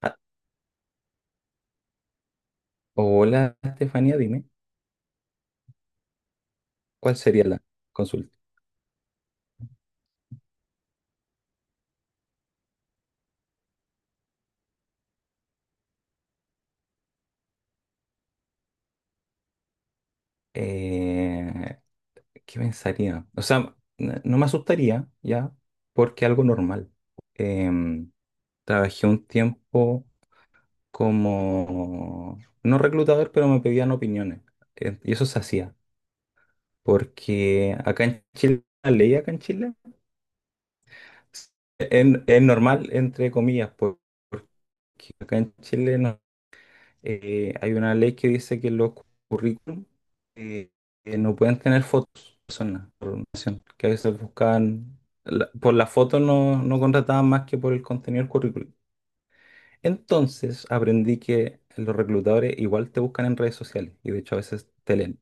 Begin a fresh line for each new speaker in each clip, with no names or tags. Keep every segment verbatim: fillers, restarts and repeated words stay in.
Ah, hola, Estefanía, dime, ¿cuál sería la consulta? Eh, ¿Qué pensaría? O sea, n- no me asustaría ya, porque algo normal. Em, Trabajé un tiempo como, no reclutador, pero me pedían opiniones. Eh, y eso se hacía, porque acá en Chile, la ley acá en Chile, en- es normal, entre comillas, por- porque acá en Chile no eh, hay una ley que dice que los currículum eh, eh, no pueden tener fotos de personas por una nación, que a veces buscaban, la- por la foto no, no contrataban más que por el contenido del currículum. Entonces aprendí que los reclutadores igual te buscan en redes sociales y de hecho a veces te leen.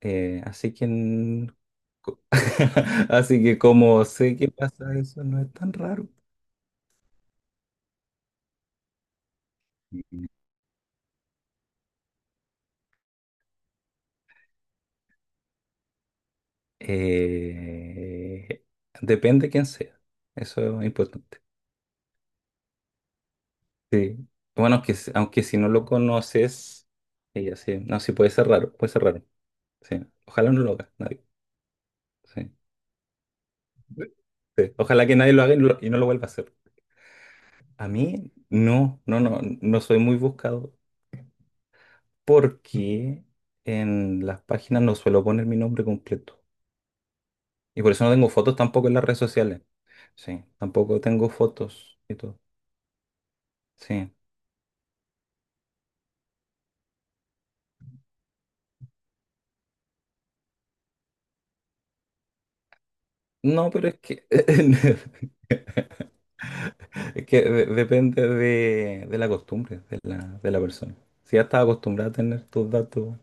Eh, así que, en- co- así que como sé que pasa eso, no es tan raro. Eh, Depende quién sea. Eso es importante. Sí. Bueno, que s- aunque si no lo conoces, ella sí. No, sí, puede ser raro, puede ser raro. Sí. Ojalá no lo haga nadie. Sí. Sí. Ojalá que nadie lo haga y, lo- y no lo vuelva a hacer. A mí, no, no, no, no soy muy buscado porque en las páginas no suelo poner mi nombre completo. Y por eso no tengo fotos tampoco en las redes sociales. Sí, tampoco tengo fotos y todo. Sí. No, pero es que. Es que de- depende de, de la costumbre de la, de la persona. Si ya estás acostumbrada a tener tus datos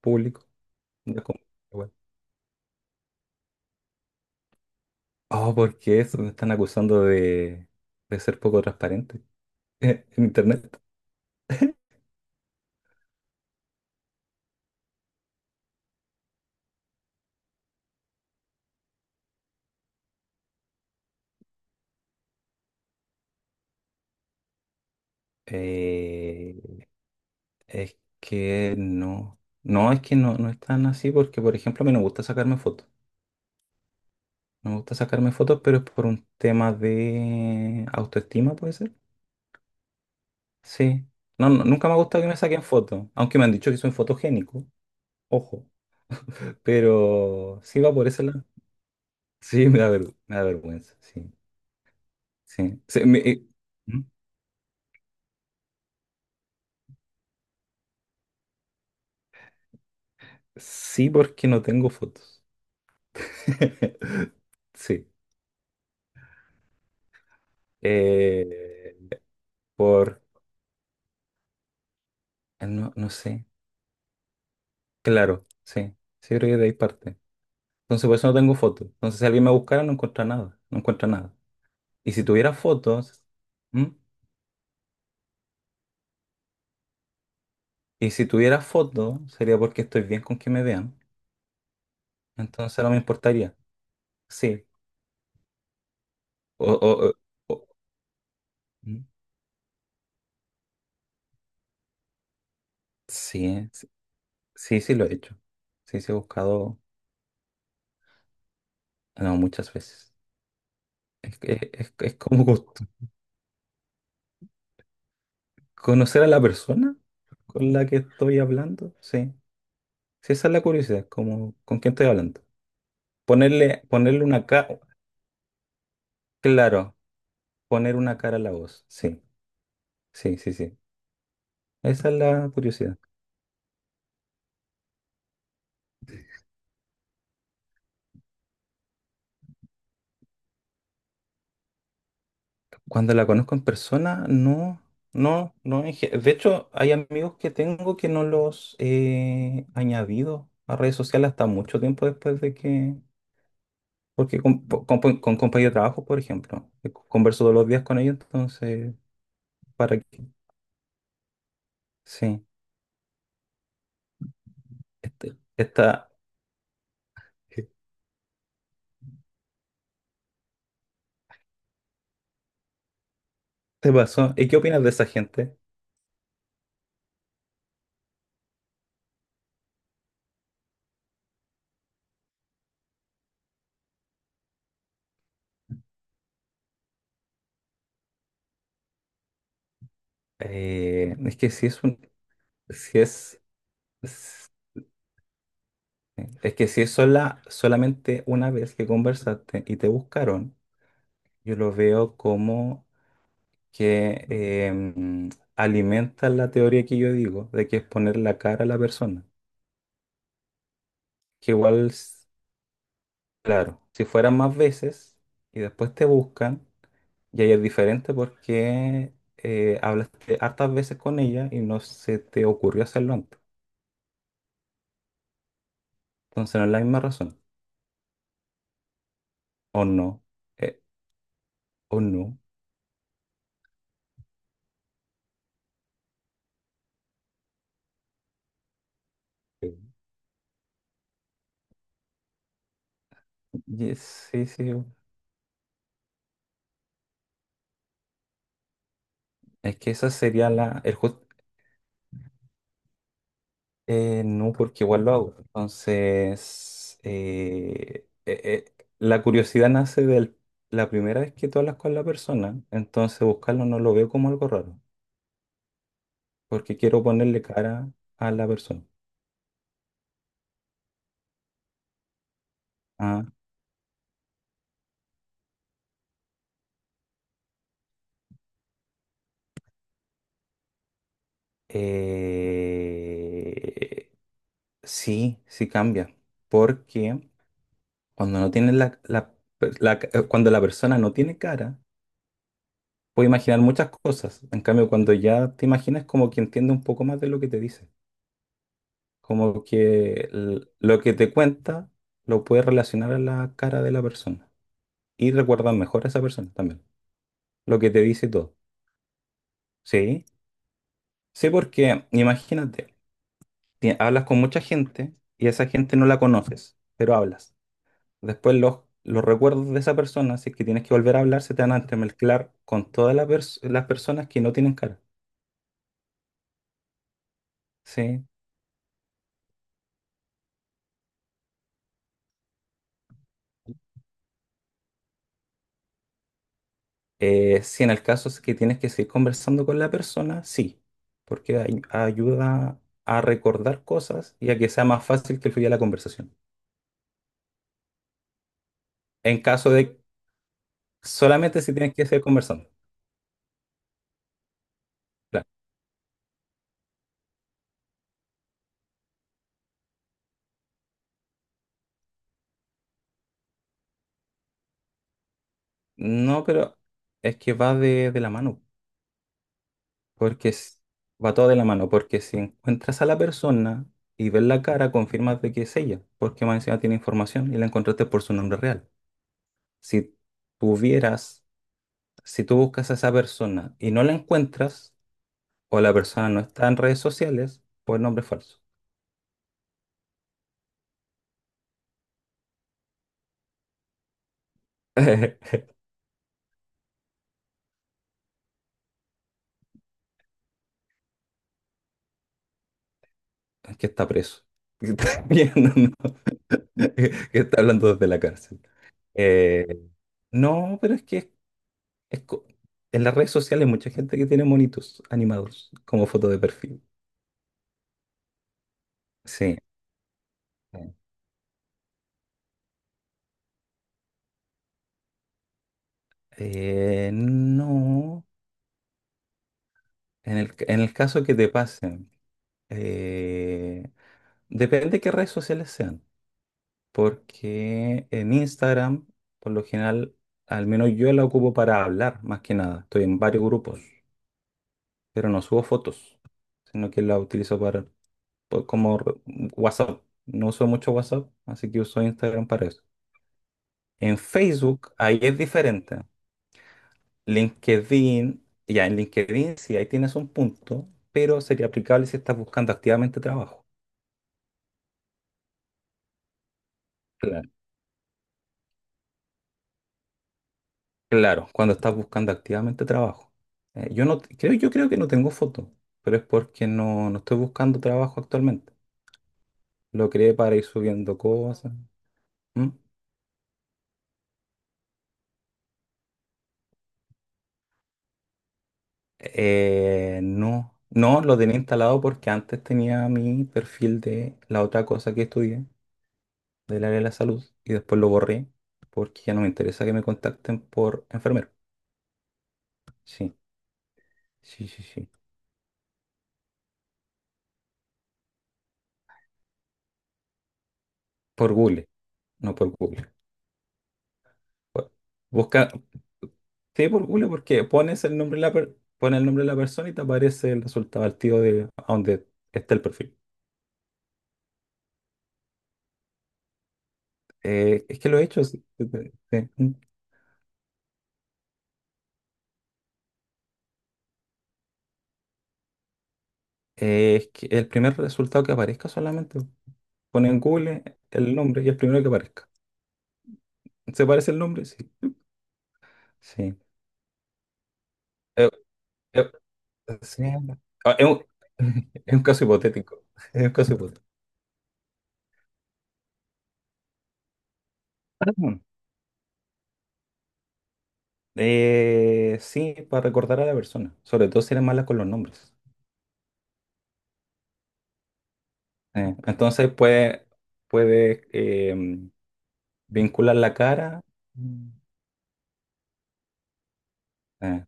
públicos, ya como- bueno. Oh, porque eso me están acusando de, de ser poco transparente en internet. Eh, es que no. No, es que no, no es tan así porque, por ejemplo, a mí no me gusta sacarme fotos. No me gusta sacarme fotos, pero es por un tema de autoestima, puede ser. Sí. No, no, nunca me ha gustado que me saquen fotos, aunque me han dicho que soy fotogénico. Ojo. Pero sí va por ese lado. Sí, me da, ver- me da vergüenza. Sí, sí. Sí, me- eh, ¿Mm? Sí, porque no tengo fotos. Sí. Eh, por. eh, No, no sé. Claro, sí. Sí, creo que de ahí parte. Entonces, por eso no tengo fotos. Entonces, si alguien me buscara, no encuentra nada. No encuentra nada. Y si tuviera fotos. ¿Mm? Y si tuviera fotos, sería porque estoy bien con que me vean. Entonces, no me importaría. Sí. O, o, o- o- ¿Mm? Sí. Sí. Sí, sí lo he hecho. Sí, sí he buscado, no, muchas veces. Es, que- es, es como cos- conocer a la persona con la que estoy hablando. Sí, sí, esa es la curiosidad, como con quién estoy hablando. Ponerle, ponerle una cara, claro, poner una cara a la voz. Sí, sí, sí, sí. Esa es la curiosidad. Cuando la conozco en persona, no, no, no. en ge- De hecho, hay amigos que tengo que no los he añadido a redes sociales hasta mucho tiempo después de que. Porque con, po- con, con compañeros de trabajo, por ejemplo, eh, converso todos los días con ellos, entonces, ¿para qué? Sí, este, esta, este pasó. ¿Y qué opinas de esa gente? Eh, es que si es un, si es, es es que si es sola, solamente una vez que conversaste y te buscaron, yo lo veo como que em, alimenta la teoría que yo digo de que es poner la cara a la persona, que igual. Claro, si fueran más veces y después te buscan, y ahí es diferente porque eh, hablaste hartas veces con ella y no se te ocurrió hacerlo antes. Entonces no es la misma razón. O no, eh, o no. Sí. Y es- sí, sí. Es que esa sería la. El jus- eh, no, porque igual lo hago. Entonces, eh, eh, eh, la curiosidad nace de la primera vez que tú hablas con la persona, entonces buscarlo no lo veo como algo raro. Porque quiero ponerle cara a la persona. Ah, eh, sí, sí cambia, porque cuando no tienes la, la- la- cuando la persona no tiene cara, puede imaginar muchas cosas. En cambio, cuando ya te imaginas, como que entiende un poco más de lo que te dice, como que l- lo que te cuenta lo puedes relacionar a la cara de la persona y recuerdas mejor a esa persona también, lo que te dice y todo. Sí, sí, porque imagínate. Ti- hablas con mucha gente y esa gente no la conoces, pero hablas. Después los, los recuerdos de esa persona, si es que tienes que volver a hablar, se te van a entremezclar con todas las pers- las personas que no tienen cara, ¿sí? Eh, si en el caso es que tienes que seguir conversando con la persona, sí, porque ay- ayuda a recordar cosas y a que sea más fácil que fluya la conversación. En caso de solamente si tienes que seguir conversando. Claro. No, pero es que va de, de la mano. Porque s- va todo de la mano, porque si encuentras a la persona y ves la cara, confirmas de que es ella, porque más encima tiene información y la encontraste por su nombre real. Si tuvieras, si tú buscas a esa persona y no la encuentras, o la persona no está en redes sociales, pues nombre falso. Es que está preso. Que está viendo, ¿no? Que está hablando desde la cárcel. Eh, no, pero es que es co- en las redes sociales hay mucha gente que tiene monitos animados como foto de perfil. Sí. Eh, no, en el, en el caso que te pasen, eh, depende de qué redes sociales sean, porque en Instagram, por lo general, al menos yo la ocupo para hablar, más que nada. Estoy en varios grupos, pero no subo fotos, sino que la utilizo para, pues, como re- WhatsApp. No uso mucho WhatsApp, así que uso Instagram para eso. En Facebook, ahí es diferente. LinkedIn, ya en LinkedIn sí, ahí tienes un punto, pero sería aplicable si estás buscando activamente trabajo. Claro. Claro, cuando estás buscando activamente trabajo. Eh, yo no t- creo, yo creo que no tengo foto, pero es porque no, no estoy buscando trabajo actualmente. Lo creé para ir subiendo cosas. ¿Mm? Eh, no, no lo tenía instalado porque antes tenía mi perfil de la otra cosa que estudié, del área de la salud, y después lo borré porque ya no me interesa que me contacten por enfermero. Sí. Sí, sí, sí. Por Google, no por Google. Bu- Busca, sí, por Google porque pones el nombre de la per- pone el nombre de la persona y te aparece el resultado al tío de a donde está el perfil. Eh, es que lo he hecho. Sí, sí, sí. Eh, es que el primer resultado que aparezca solamente pone en Google el nombre y el primero que aparezca. ¿Se parece el nombre? Sí. Sí. Eh, eh, sí. Ah, es un, es un caso hipotético. Es un caso hipotético. Eh, sí, para recordar a la persona, sobre todo si eres mala con los nombres. Eh, entonces puede, puede em, vincular la cara. Mm. eh,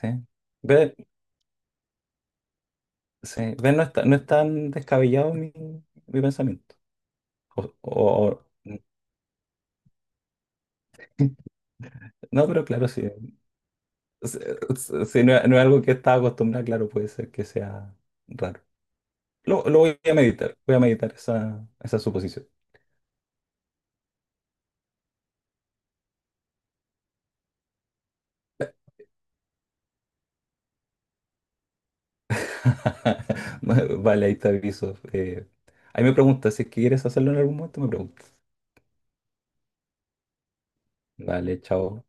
sí. Ve, sí, ve, no está, no es tan descabellado mi, mi pensamiento. O- o- o- no, pero claro, sí. Si, si no, es no es algo que estaba acostumbrado, claro, puede ser que sea raro. Lo, lo voy a meditar, voy a meditar esa, esa suposición. Vale, ahí te aviso. Eh, ahí me preguntas, si es que quieres hacerlo en algún momento, me preguntas. Vale, chao.